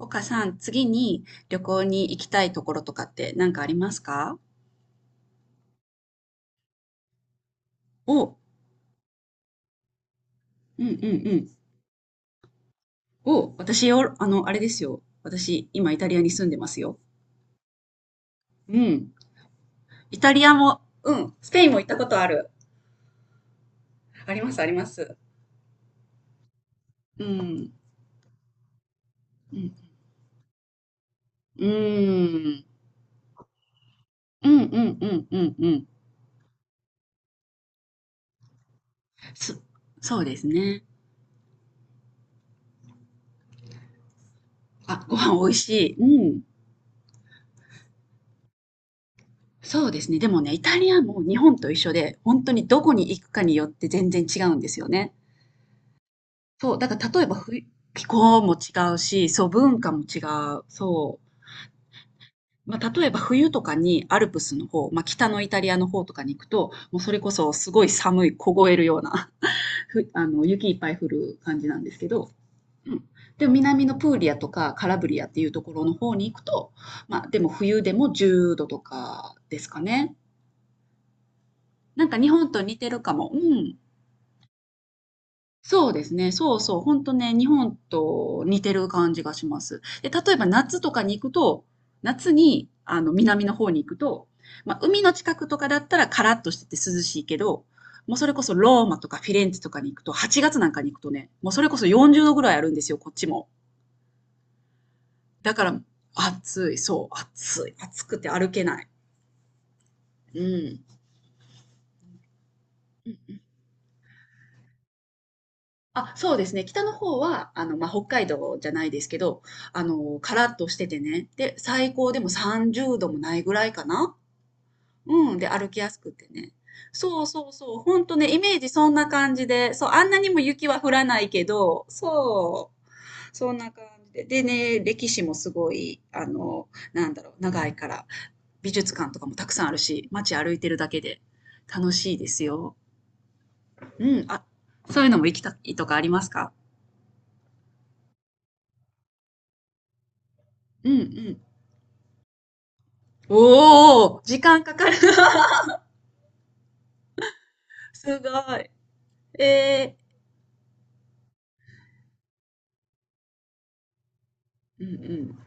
岡さん、次に旅行に行きたいところとかって何かありますか？お、うんうんうん。お、私よ、あれですよ。私、今イタリアに住んでますよ。うん。イタリアも、うん。スペインも行ったことある。あります、あります。うん。うん。うん。うん、うん、うん、うん、うん。そ、そうですね。あ、ご飯美味しい。うん。そうですね。でもね、イタリアも日本と一緒で、本当にどこに行くかによって全然違うんですよね。そう、だから例えばふ気候も違うし、そう、文化も違う。そう。まあ、例えば冬とかにアルプスの方、まあ、北のイタリアの方とかに行くと、もうそれこそすごい寒い、凍えるような、ふ、あの、雪いっぱい降る感じなんですけど、うん。でも南のプーリアとかカラブリアっていうところの方に行くと、まあ、でも冬でも10度とかですかね。なんか日本と似てるかも。うん。そうですね。そうそう。ほんとね、日本と似てる感じがします。で、例えば夏とかに行くと、夏に、南の方に行くと、まあ、海の近くとかだったらカラッとしてて涼しいけど、もうそれこそローマとかフィレンツェとかに行くと、8月なんかに行くとね、もうそれこそ40度ぐらいあるんですよ、こっちも。だから、暑い、そう、暑くて歩けない。うん。あ、そうですね。北の方は、まあ、北海道じゃないですけど、カラッとしててね。で、最高でも30度もないぐらいかな。うん。で、歩きやすくてね。そうそうそう。ほんとね、イメージそんな感じで。そう、あんなにも雪は降らないけど、そう。そんな感じで。でね、歴史もすごい、長いから。美術館とかもたくさんあるし、街歩いてるだけで楽しいですよ。うん。あ、そういうのも行きたいとかありますか？うんうん。おお、時間かかるな。すごい。えー、うんうん。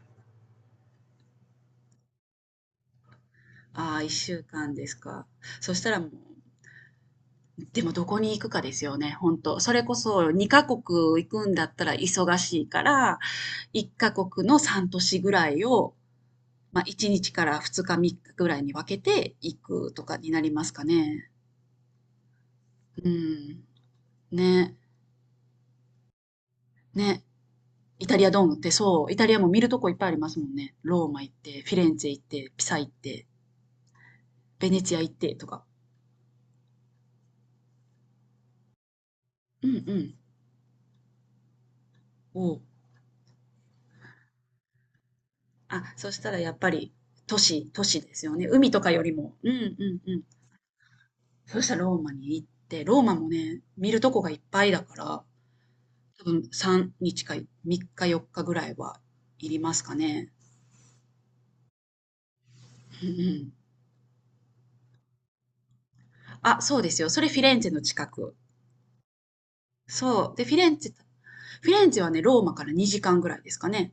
ああ、1週間ですか。そしたらもう、でもどこに行くかですよね、本当それこそ2カ国行くんだったら忙しいから、1カ国の3都市ぐらいを、まあ、1日から2日、3日ぐらいに分けて行くとかになりますかね。うん。ね、ね。イタリアドームってそう、イタリアも見るとこいっぱいありますもんね。ローマ行って、フィレンツェ行って、ピサ行って、ベネチア行ってとか。うんうん。おう。あ、そしたらやっぱり都市ですよね。海とかよりも。うんうんうん。そしたらローマに行って、ローマもね、見るとこがいっぱいだから、多分3日か3日4日ぐらいはいりますかね。うんうん。あ、そうですよ。それフィレンツェの近く。そう。で、フィレンツェはね、ローマから2時間ぐらいですかね。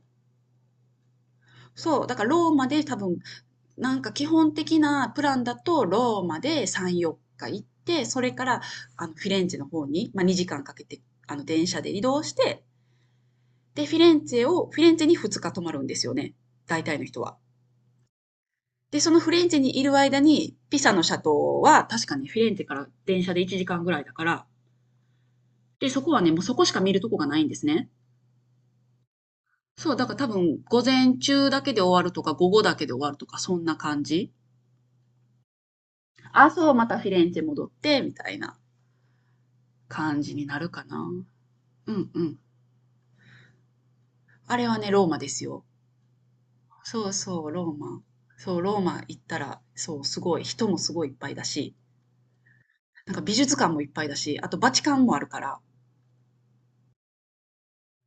そう。だからローマで多分なんか基本的なプランだと、ローマで3、4日行って、それからあのフィレンツェの方に、まあ、2時間かけてあの電車で移動して、で、フィレンツェに2日泊まるんですよね。大体の人は。で、そのフィレンツェにいる間に、ピサの斜塔は確かにフィレンツェから電車で1時間ぐらいだから、で、そこはね、もうそこしか見るとこがないんですね。そう、だから多分、午前中だけで終わるとか、午後だけで終わるとか、そんな感じ。朝またフィレンツェ戻って、みたいな。感じになるかな。うんうん。あれはね、ローマですよ。そうそう、ローマ。そう、ローマ行ったら、そう、すごい、人もすごいいっぱいだし、なんか美術館もいっぱいだし、あとバチカンもあるから、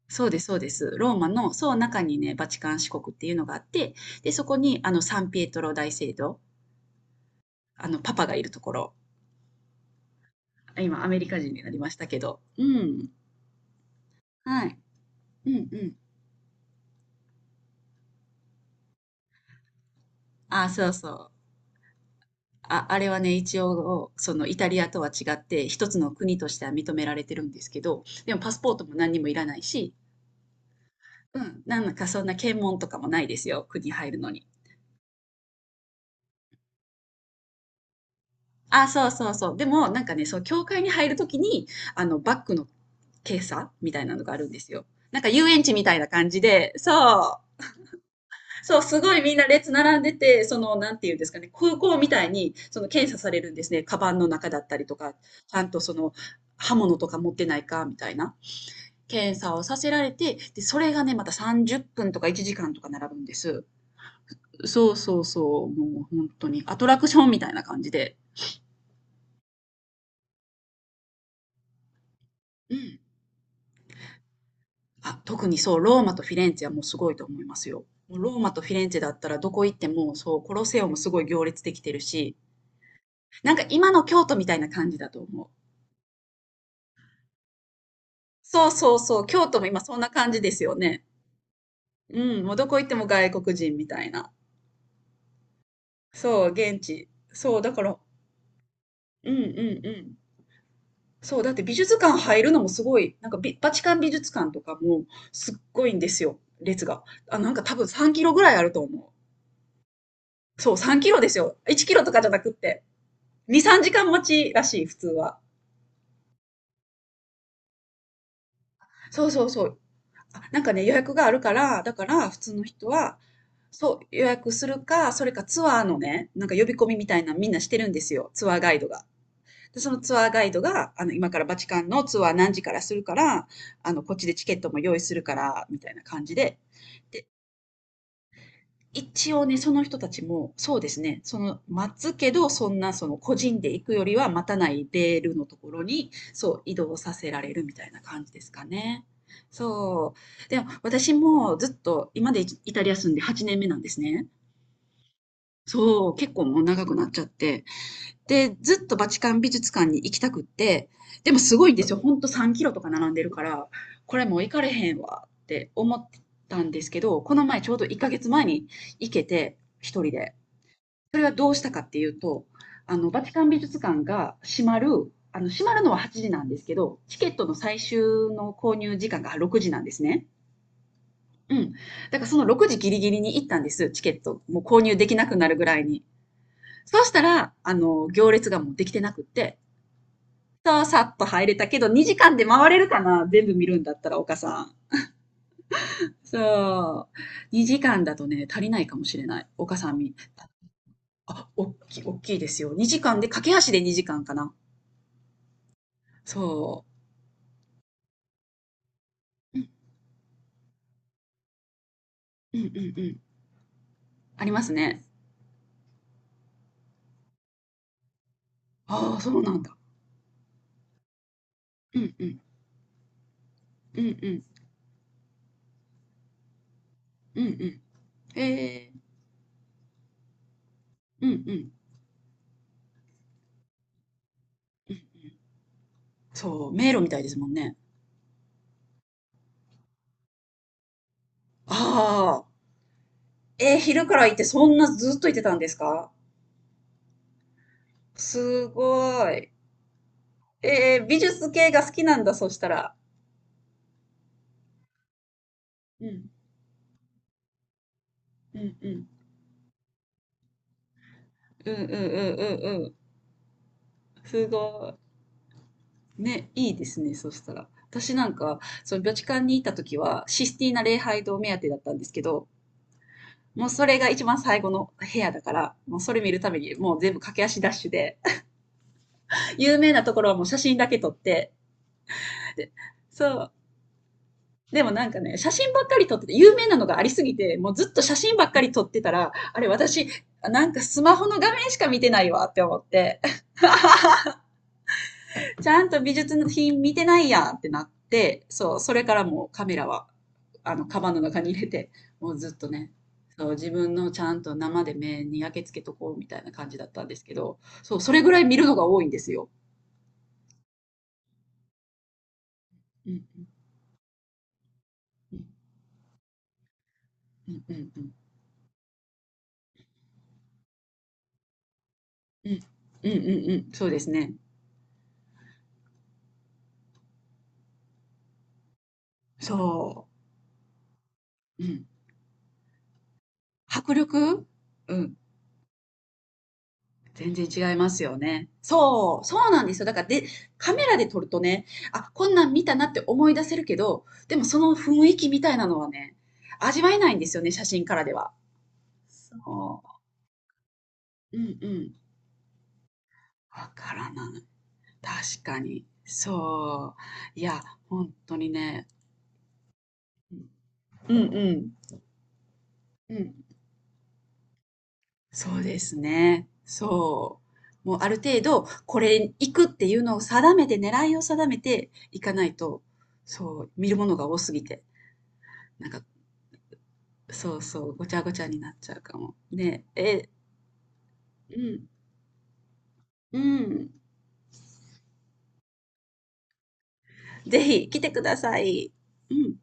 そうです、そうです。ローマの、そう、中にね、バチカン市国っていうのがあって、で、そこに、サンピエトロ大聖堂、パパがいるところ、今、アメリカ人になりましたけど、うん、はい、うん、うん。あ、そうそう。あれはね、一応、そのイタリアとは違って、一つの国としては認められてるんですけど、でもパスポートも何にもいらないし、うん、なんかそんな検問とかもないですよ、国入るのに。あ、そうそうそう。でも、なんかね、そう、教会に入るときに、バッグの検査みたいなのがあるんですよ。なんか遊園地みたいな感じで、そう、すごいみんな列並んでて、その、なんていうんですかね、空港みたいに、その検査されるんですね。カバンの中だったりとか、ちゃんとその、刃物とか持ってないか、みたいな。検査をさせられて、で、それがね、また30分とか1時間とか並ぶんです。そうそうそう、もう本当にアトラクションみたいな感じで。うん。あ、特にそう、ローマとフィレンツェはもうすごいと思いますよ。もうローマとフィレンツェだったらどこ行っても、そう、コロセオもすごい行列できてるし、なんか今の京都みたいな感じだと思う。そうそうそう、京都も今そんな感じですよね。うん、もうどこ行っても外国人みたいな。そう、現地。そう、だから、うんうんうん。そう、だって美術館入るのもすごい、なんかビバチカン美術館とかもすっごいんですよ、列が。あ、なんか多分3キロぐらいあると思う。そう、3キロですよ。1キロとかじゃなくって。2、3時間待ちらしい、普通は。そうそうそう。あ、なんかね、予約があるから、だから普通の人は、そう、予約するか、それかツアーのね、なんか呼び込みみたいなのみんなしてるんですよ、ツアーガイドが。で、そのツアーガイドが、今からバチカンのツアー何時からするから、こっちでチケットも用意するから、みたいな感じで。で、一応ね、その人たちも、そうですね、待つけど、そんな、その、個人で行くよりは待たないレールのところに、そう、移動させられるみたいな感じですかね。そう。でも、私もずっと、今までイタリア住んで8年目なんですね。そう、結構もう長くなっちゃって。で、ずっとバチカン美術館に行きたくって、でもすごいんですよ。ほんと3キロとか並んでるから、これもう行かれへんわって思ったんですけど、この前ちょうど1ヶ月前に行けて、一人で。それはどうしたかっていうと、バチカン美術館が閉まる、あの、閉まるのは8時なんですけど、チケットの最終の購入時間が6時なんですね。うん。だからその6時ギリギリに行ったんです、チケット。もう購入できなくなるぐらいに。そうしたら、行列がもうできてなくって、そう、さっと入れたけど、2時間で回れるかな全部見るんだったら、岡さん。そう。2時間だとね、足りないかもしれない。岡さん見、あ、おっきい、おっきいですよ。2時間で、駆け足で2時間かな。そう。うんうんうん。ありますね。ああ、そうなんだ。うんうん。うんうん。うんうん。ええーうんうん。うん。そう、迷路みたいですもんね。ああ。えー、昼から行ってそんなずっと行ってたんですか？すごい。えー、美術系が好きなんだ、そしたら。うん。うんうん。うんうんうんうんうん。すごい。ね、いいですね、そしたら。私なんか、そのビョチカンにいた時は、システィーナ礼拝堂目当てだったんですけど、もうそれが一番最後の部屋だから、もうそれ見るためにもう全部駆け足ダッシュで、有名なところはもう写真だけ撮って、で、そう。でもなんかね、写真ばっかり撮ってて、有名なのがありすぎて、もうずっと写真ばっかり撮ってたら、あれ私、なんかスマホの画面しか見てないわって思って、ちゃんと美術の品見てないやんってなって、そう、それからもうカメラは、カバンの中に入れて、もうずっとね、そう、自分のちゃんと生で目に焼けつけとこうみたいな感じだったんですけど、そう、それぐらい見るのが多いんですよ。うんうんうんうんうんうんうんうんうんうんそうですね。そう。うん。迫力うん。全然違いますよね。そう、そうなんですよ。だからで、カメラで撮るとね、あ、こんなん見たなって思い出せるけど、でもその雰囲気みたいなのはね、味わえないんですよね、写真からでは。そう。う。んうん。わからない。確かに。そう。いや、本当にね。うん。うんうん。うん。そうですね。そう。もうある程度、これ行くっていうのを定めて、狙いを定めていかないと、そう、見るものが多すぎて。なんか、そうそう、ごちゃごちゃになっちゃうかも。ねえ、え、うん、うん。ぜひ来てください。うん。